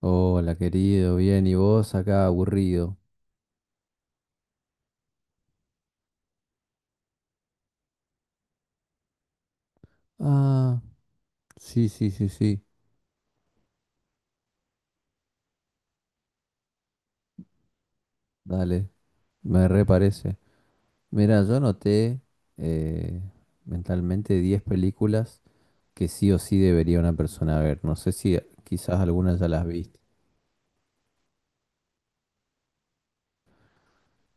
Hola, querido, bien, ¿y vos acá aburrido? Ah, sí, sí, sí, sí, dale, me reparece. Mira, yo anoté eh, mentalmente 10 películas que sí o sí debería una persona ver. No sé si quizás algunas ya las viste.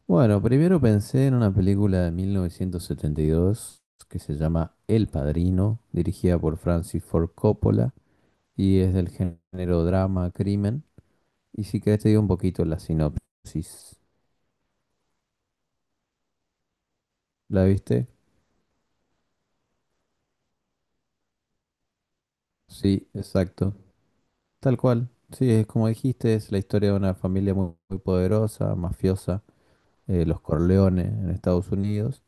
Bueno, primero pensé en una película de 1972 que se llama El Padrino, dirigida por Francis Ford Coppola y es del género drama, crimen. Y si querés te digo un poquito la sinopsis. ¿La viste? Sí, exacto. Tal cual. Sí, es como dijiste, es la historia de una familia muy, muy poderosa, mafiosa, los Corleones en Estados Unidos.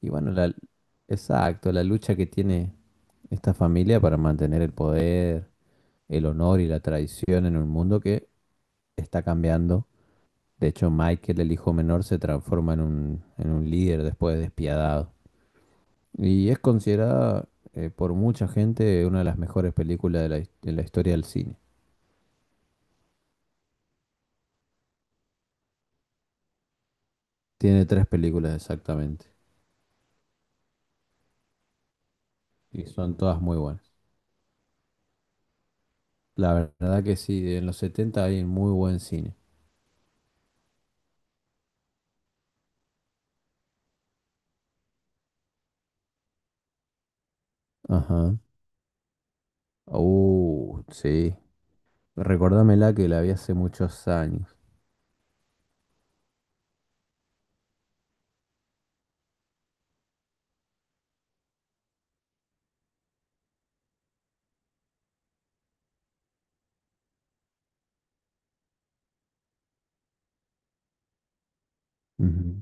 Y bueno, exacto, la lucha que tiene esta familia para mantener el poder, el honor y la tradición en un mundo que está cambiando. De hecho, Michael, el hijo menor, se transforma en un líder después despiadado. Y es considerada por mucha gente una de las mejores películas de de la historia del cine. Tiene tres películas exactamente. Y son todas muy buenas. La verdad que sí, en los 70 hay muy buen cine. Ajá. Sí. Recordámela que la vi hace muchos años. Ujú.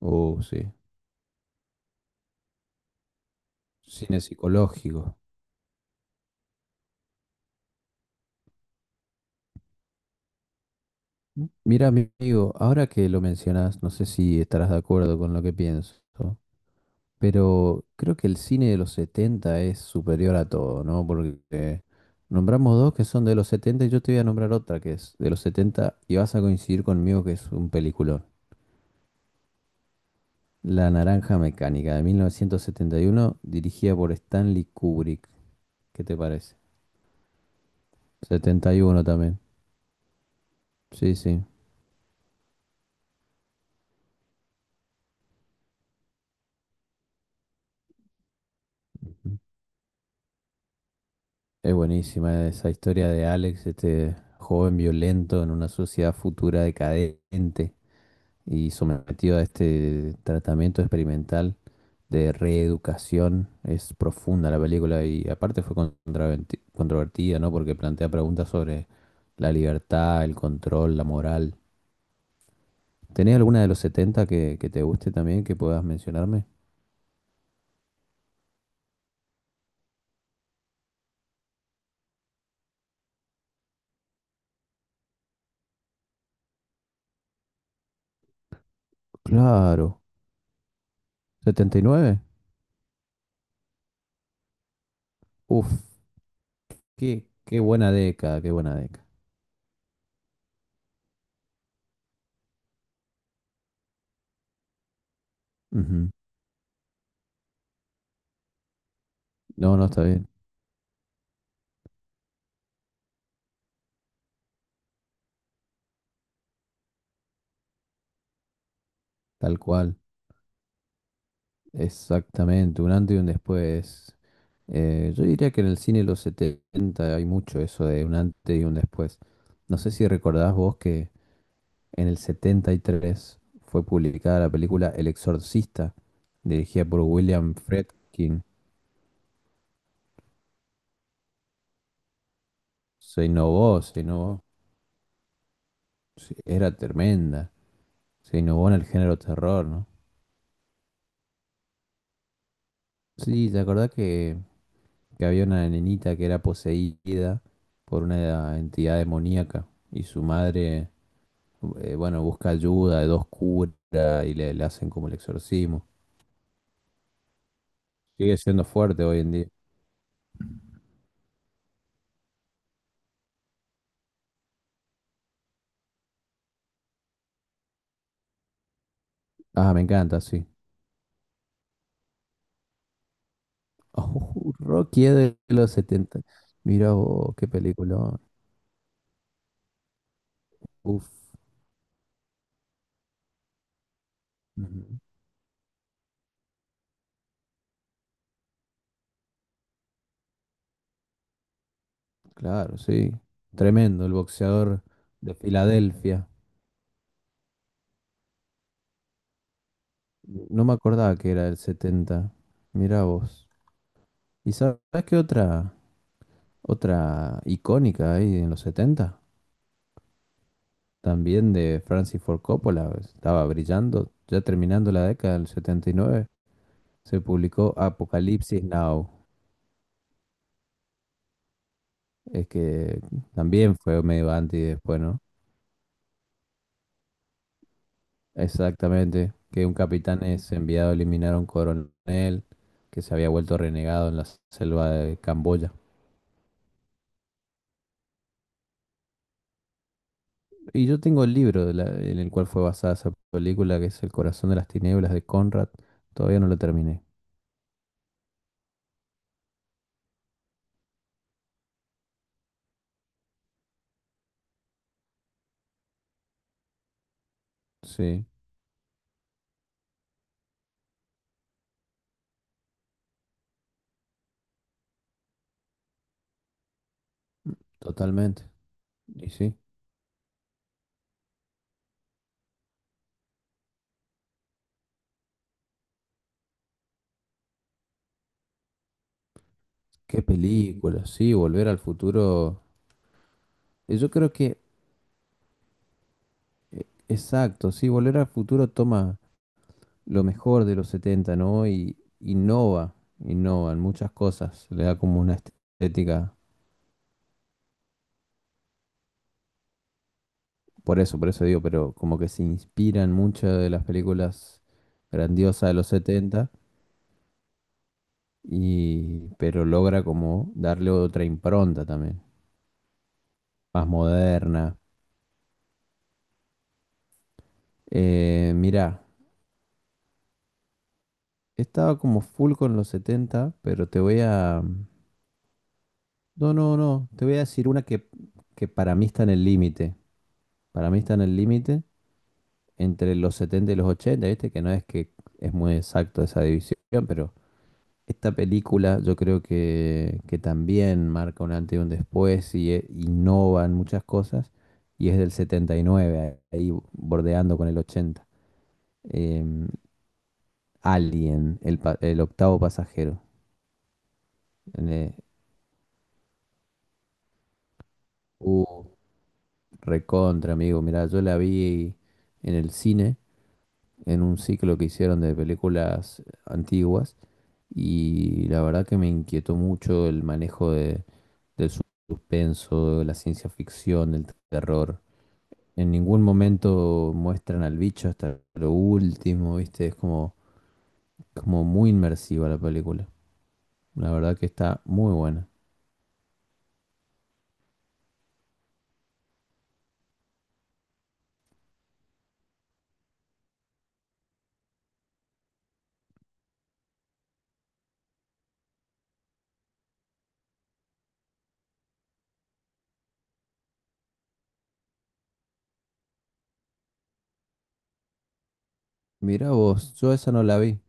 Sí. Cine psicológico. Mira, mi amigo, ahora que lo mencionas, no sé si estarás de acuerdo con lo que pienso. Pero creo que el cine de los 70 es superior a todo, ¿no? Porque nombramos dos que son de los setenta y yo te voy a nombrar otra que es de los 70 y vas a coincidir conmigo que es un peliculón. La Naranja Mecánica de 1971, dirigida por Stanley Kubrick. ¿Qué te parece? Setenta y uno también. Sí, sí. Ujú. Es buenísima esa historia de Alex, este joven violento en una sociedad futura decadente y sometido a este tratamiento experimental de reeducación. Es profunda la película y aparte fue controvertida, ¿no? Porque plantea preguntas sobre la libertad, el control, la moral. ¿Tenés alguna de los 70 que te guste también que puedas mencionarme? Claro. Setenta y nueve. Uf, qué buena década, qué buena década. Ujú. No, no, está bien. Tal cual. Exactamente, un antes y un después. Yo diría que en el cine de los 70 hay mucho eso de un antes y un después. No sé si recordás vos que en el 73 fue publicada la película El Exorcista, dirigida por William Friedkin. Se innovó, se innovó. Sí, era tremenda. Se innovó en el género terror, ¿no? Sí, ¿te acordás que había una nenita que era poseída por una entidad demoníaca y su madre bueno, busca ayuda de dos curas y le hacen como el exorcismo. Sigue siendo fuerte hoy en día. Ah, me encanta, sí. Oh, Rocky es de los 70. Mira vos, qué película. Uf. Ujú. Claro, sí. Tremendo, el boxeador de Filadelfia. No me acordaba que era del 70. Mira vos. ¿Y sabes qué otra icónica ahí en los 70? También de Francis Ford Coppola, pues, estaba brillando, ya terminando la década del 79, se publicó Apocalipsis Now, es que también fue medio anti después, ¿no? Exactamente, que un capitán es enviado a eliminar a un coronel que se había vuelto renegado en la selva de Camboya. Y yo tengo el libro en el cual fue basada esa película, que es El corazón de las tinieblas de Conrad, todavía no lo terminé. Sí, totalmente. Y sí. Qué película, sí, Volver al Futuro. eh, Yo creo que, exacto, sí, Volver al Futuro toma lo mejor de los setenta, ¿no? Y innova, innova en muchas cosas. Le da como una estética, por eso digo, pero como que se inspiran mucho de las películas grandiosas de los 70 y, pero logra como darle otra impronta también, más moderna. Eh, mira, Estaba como full con los 70 pero te voy a... No, no, no. Te voy a decir una que para mí está en el límite. Para mí está en el límite entre los 70 y los 80, ¿viste? Que no es que es muy exacto esa división, pero esta película yo creo que también marca un antes y un después y innova en muchas cosas. Y es del 79 ahí bordeando con el 80. Em, Alien, el octavo pasajero. En, eh, uh, Recontra, amigo. Mirá, yo la vi en el cine, en un ciclo que hicieron de películas antiguas y la verdad que me inquietó mucho el manejo del suspenso, de la ciencia ficción, del terror. En ningún momento muestran al bicho hasta lo último, ¿viste? Es como, como muy inmersiva la película. La verdad que está muy buena. Mirá vos, yo esa no la vi.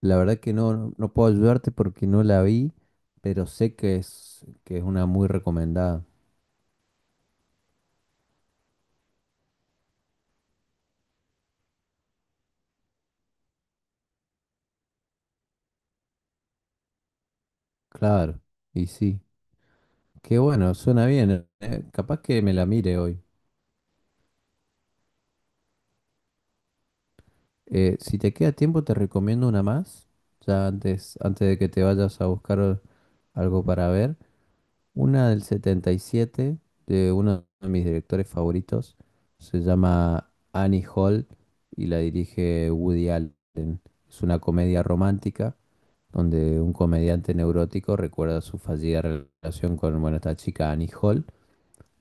La verdad que no, no puedo ayudarte porque no la vi, pero sé que que es una muy recomendada. Claro, y sí. Qué bueno, suena bien. Eh, capaz que me la mire hoy. Si te queda tiempo, te recomiendo una más. Ya antes, antes de que te vayas a buscar algo para ver. Una del 77, de uno de mis directores favoritos. Se llama Annie Hall y la dirige Woody Allen. Es una comedia romántica donde un comediante neurótico recuerda su fallida relación con, bueno, esta chica Annie Hall.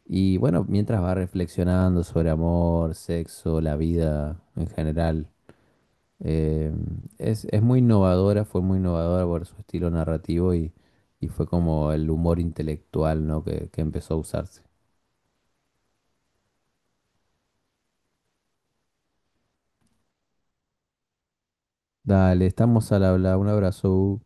Y bueno, mientras va reflexionando sobre amor, sexo, la vida en general, eh, es muy innovadora, fue muy innovadora por su estilo narrativo y fue como el humor intelectual, ¿no? Que empezó a usarse. Dale, estamos al habla, un abrazo.